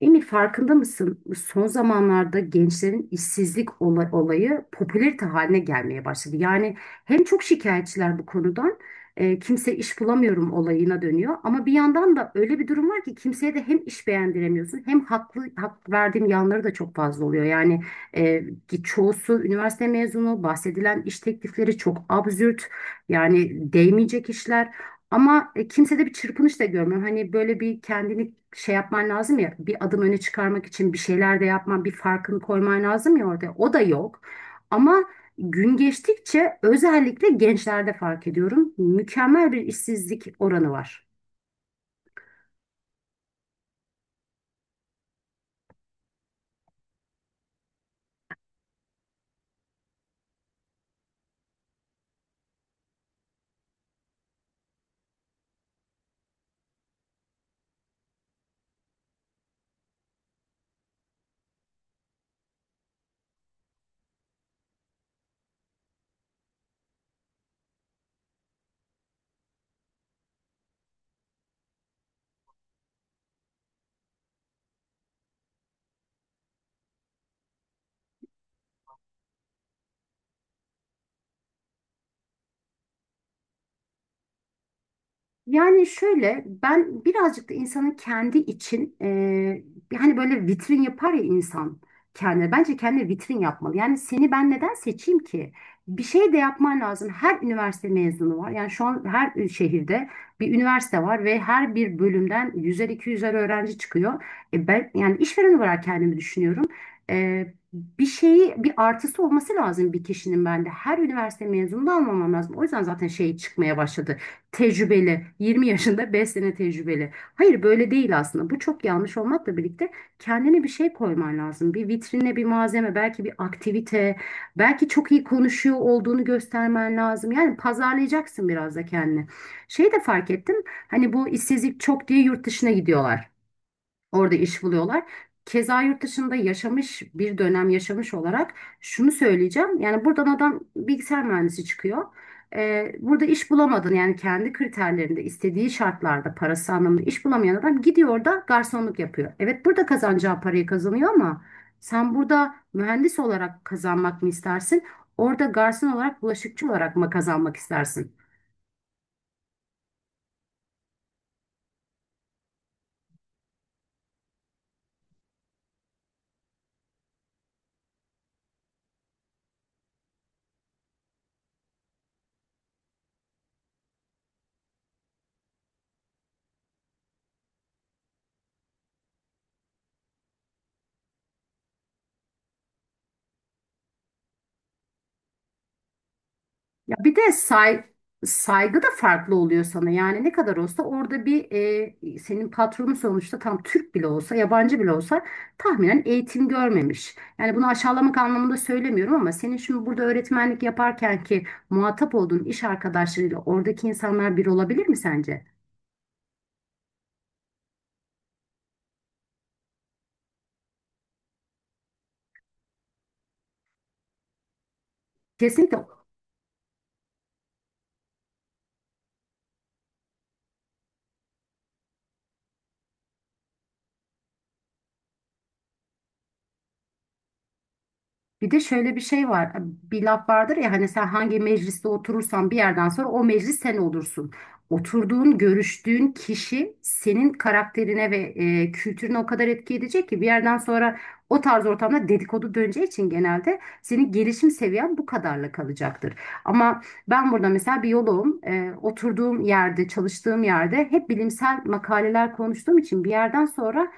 Emir farkında mısın? Son zamanlarda gençlerin işsizlik olayı popülerite haline gelmeye başladı. Yani hem çok şikayetçiler bu konudan, kimse iş bulamıyorum olayına dönüyor. Ama bir yandan da öyle bir durum var ki kimseye de hem iş beğendiremiyorsun hem haklı hak verdiğim yanları da çok fazla oluyor. Ki çoğusu üniversite mezunu, bahsedilen iş teklifleri çok absürt. Yani değmeyecek işler. Kimsede bir çırpınış da görmüyorum. Hani böyle bir kendini şey yapman lazım ya, bir adım öne çıkarmak için bir şeyler de yapman, bir farkını koyman lazım ya orada. O da yok. Ama gün geçtikçe özellikle gençlerde fark ediyorum. Mükemmel bir işsizlik oranı var. Yani şöyle ben birazcık da insanın kendi için hani böyle vitrin yapar ya insan kendine. Bence kendine vitrin yapmalı. Yani seni ben neden seçeyim ki? Bir şey de yapman lazım. Her üniversite mezunu var. Yani şu an her şehirde bir üniversite var ve her bir bölümden 100'er 200'er öğrenci çıkıyor. E ben yani işveren olarak kendimi düşünüyorum. Bir şeyi bir artısı olması lazım bir kişinin bende. Her üniversite mezununu almamam lazım. O yüzden zaten şey çıkmaya başladı tecrübeli, 20 yaşında 5 sene tecrübeli. Hayır böyle değil aslında. Bu çok yanlış olmakla birlikte kendine bir şey koyman lazım. Bir vitrine bir malzeme, belki bir aktivite, belki çok iyi konuşuyor olduğunu göstermen lazım. Yani pazarlayacaksın biraz da kendini. Şey de fark ettim. Hani bu işsizlik çok diye yurt dışına gidiyorlar. Orada iş buluyorlar. Keza yurt dışında yaşamış bir dönem yaşamış olarak şunu söyleyeceğim. Yani buradan adam bilgisayar mühendisi çıkıyor. Burada iş bulamadın yani kendi kriterlerinde istediği şartlarda parası anlamında iş bulamayan adam gidiyor da garsonluk yapıyor. Evet burada kazanacağı parayı kazanıyor ama sen burada mühendis olarak kazanmak mı istersin? Orada garson olarak bulaşıkçı olarak mı kazanmak istersin? Ya bir de saygı da farklı oluyor sana. Yani ne kadar olsa orada bir senin patronun sonuçta tam Türk bile olsa, yabancı bile olsa tahminen eğitim görmemiş. Yani bunu aşağılamak anlamında söylemiyorum ama senin şimdi burada öğretmenlik yaparken ki muhatap olduğun iş arkadaşlarıyla oradaki insanlar bir olabilir mi sence? Kesinlikle. Bir de şöyle bir şey var. Bir laf vardır ya hani sen hangi mecliste oturursan bir yerden sonra o meclis sen olursun. Oturduğun, görüştüğün kişi senin karakterine ve kültürüne o kadar etki edecek ki bir yerden sonra o tarz ortamda dedikodu döneceği için genelde senin gelişim seviyen bu kadarla kalacaktır. Ama ben burada mesela biyoloğum. E, oturduğum yerde, çalıştığım yerde hep bilimsel makaleler konuştuğum için bir yerden sonra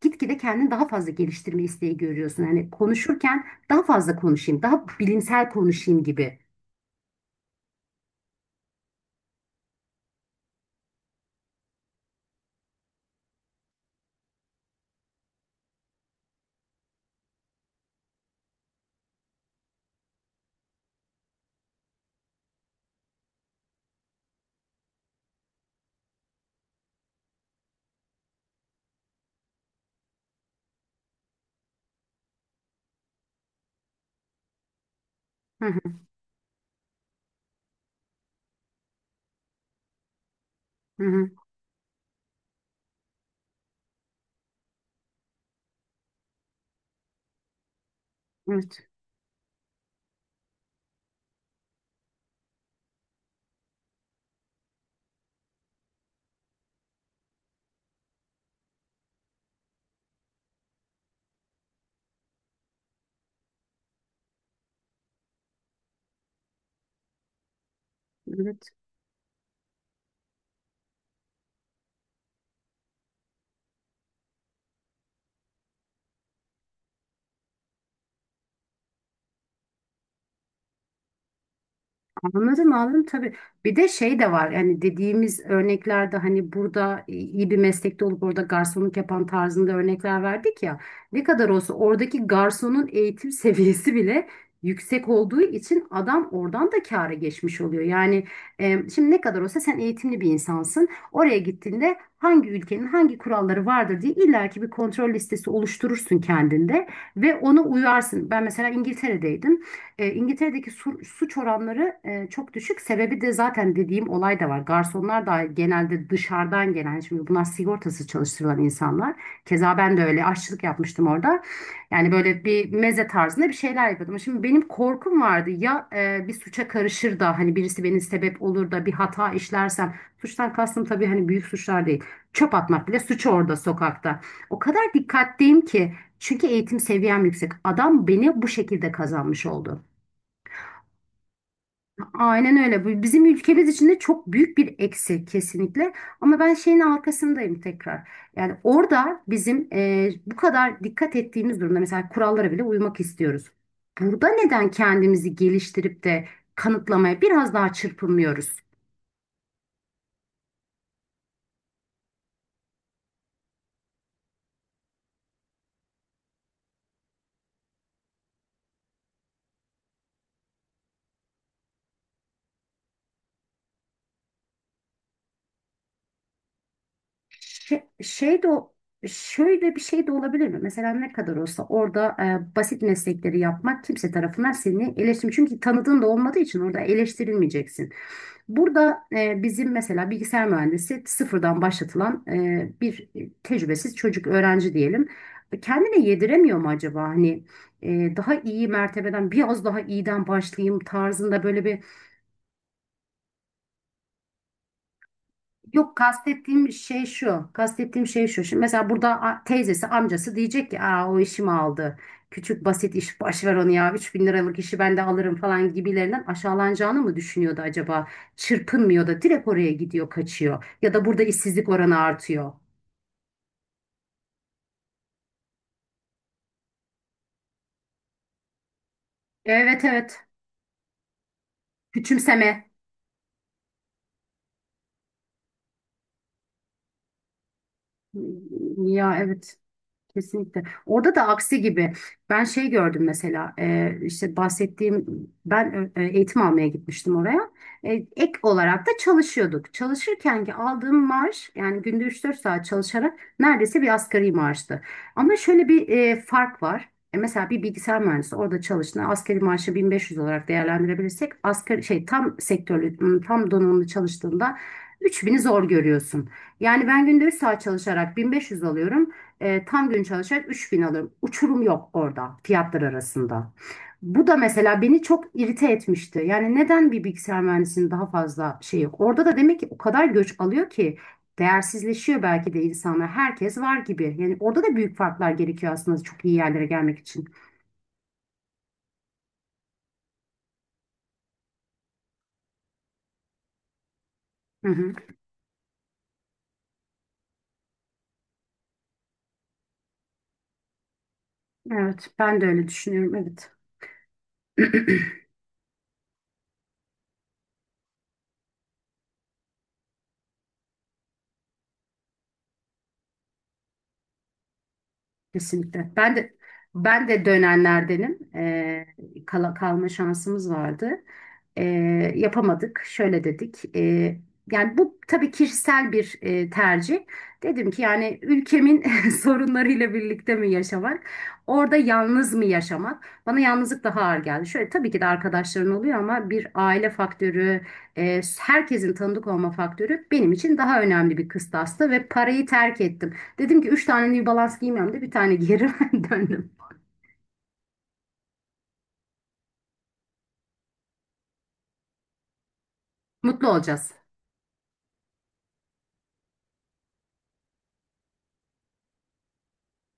gitgide kendini daha fazla geliştirme isteği görüyorsun. Hani konuşurken daha fazla konuşayım, daha bilimsel konuşayım gibi. Hı hı, hı hı. Evet. Evet. Anladım, anladım, tabii. Bir de şey de var yani dediğimiz örneklerde hani burada iyi bir meslekte olup orada garsonluk yapan tarzında örnekler verdik ya. Ne kadar olsa oradaki garsonun eğitim seviyesi bile yüksek olduğu için adam oradan da kâra geçmiş oluyor. Şimdi ne kadar olsa sen eğitimli bir insansın. Oraya gittiğinde hangi ülkenin hangi kuralları vardır diye illaki bir kontrol listesi oluşturursun kendinde ve ona uyarsın. Ben mesela İngiltere'deydim. E, İngiltere'deki suç oranları çok düşük. Sebebi de zaten dediğim olay da var. Garsonlar da genelde dışarıdan gelen, şimdi bunlar sigortasız çalıştırılan insanlar. Keza ben de öyle aşçılık yapmıştım orada. Yani böyle bir meze tarzında bir şeyler yapıyordum. Şimdi benim korkum vardı ya bir suça karışır da hani birisi beni sebep olur da bir hata işlersem. Suçtan kastım tabii hani büyük suçlar değil. Çöp atmak bile suç orada sokakta. O kadar dikkatliyim ki. Çünkü eğitim seviyem yüksek. Adam beni bu şekilde kazanmış oldu. Aynen öyle. Bu bizim ülkemiz için de çok büyük bir eksi kesinlikle. Ama ben şeyin arkasındayım tekrar. Yani orada bizim bu kadar dikkat ettiğimiz durumda mesela kurallara bile uymak istiyoruz. Burada neden kendimizi geliştirip de kanıtlamaya biraz daha çırpınmıyoruz? Şey, şey de o- Şöyle bir şey de olabilir mi? Mesela ne kadar olsa orada basit meslekleri yapmak kimse tarafından seni eleştirmiyor. Çünkü tanıdığın da olmadığı için orada eleştirilmeyeceksin. Burada bizim mesela bilgisayar mühendisi sıfırdan başlatılan bir tecrübesiz çocuk öğrenci diyelim. Kendine yediremiyor mu acaba? Hani daha iyi mertebeden biraz daha iyiden başlayayım tarzında böyle bir yok kastettiğim şey şu. Kastettiğim şey şu. Şimdi mesela burada teyzesi, amcası diyecek ki aa o işimi aldı. Küçük basit iş baş ver onu ya. 3000 liralık işi ben de alırım falan gibilerinden aşağılanacağını mı düşünüyordu acaba? Çırpınmıyor da direkt oraya gidiyor, kaçıyor. Ya da burada işsizlik oranı artıyor. Evet, evet. Küçümseme. Ya, evet. Kesinlikle. Orada da aksi gibi. Ben şey gördüm mesela işte bahsettiğim ben eğitim almaya gitmiştim oraya. E, ek olarak da çalışıyorduk. Çalışırken ki aldığım maaş yani günde 3-4 saat çalışarak neredeyse bir asgari maaştı. Ama şöyle bir fark var. E, mesela bir bilgisayar mühendisi orada çalıştığında asgari maaşı 1500 olarak değerlendirebilirsek asgari şey tam sektörlü tam donanımlı çalıştığında 3000'i zor görüyorsun. Yani ben günde 3 saat çalışarak 1500 alıyorum. E, tam gün çalışarak 3000 alırım. Uçurum yok orada fiyatlar arasında. Bu da mesela beni çok irite etmişti. Yani neden bir bilgisayar mühendisinin daha fazla şey yok? Orada da demek ki o kadar göç alıyor ki değersizleşiyor belki de insanlar. Herkes var gibi. Yani orada da büyük farklar gerekiyor aslında çok iyi yerlere gelmek için. Hı hı. Evet, ben de öyle düşünüyorum. Evet. Kesinlikle. Ben de dönenlerdenim. Kalma şansımız vardı. Ee, Yapamadık. Şöyle dedik. Yani bu tabii kişisel bir tercih. Dedim ki yani ülkemin sorunlarıyla birlikte mi yaşamak, orada yalnız mı yaşamak? Bana yalnızlık daha ağır geldi. Şöyle tabii ki de arkadaşların oluyor ama bir aile faktörü, herkesin tanıdık olma faktörü benim için daha önemli bir kıstastı ve parayı terk ettim. Dedim ki üç tane New Balance giymiyorum da bir tane giyerim döndüm. Mutlu olacağız.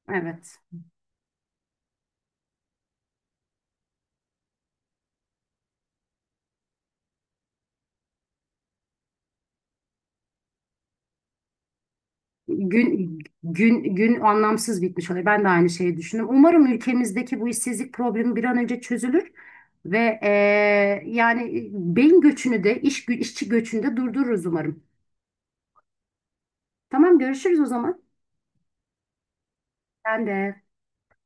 Evet. Gün anlamsız bitmiş oluyor. Ben de aynı şeyi düşündüm. Umarım ülkemizdeki bu işsizlik problemi bir an önce çözülür ve yani beyin göçünü de işçi göçünü de durdururuz umarım. Tamam, görüşürüz o zaman. Ben de.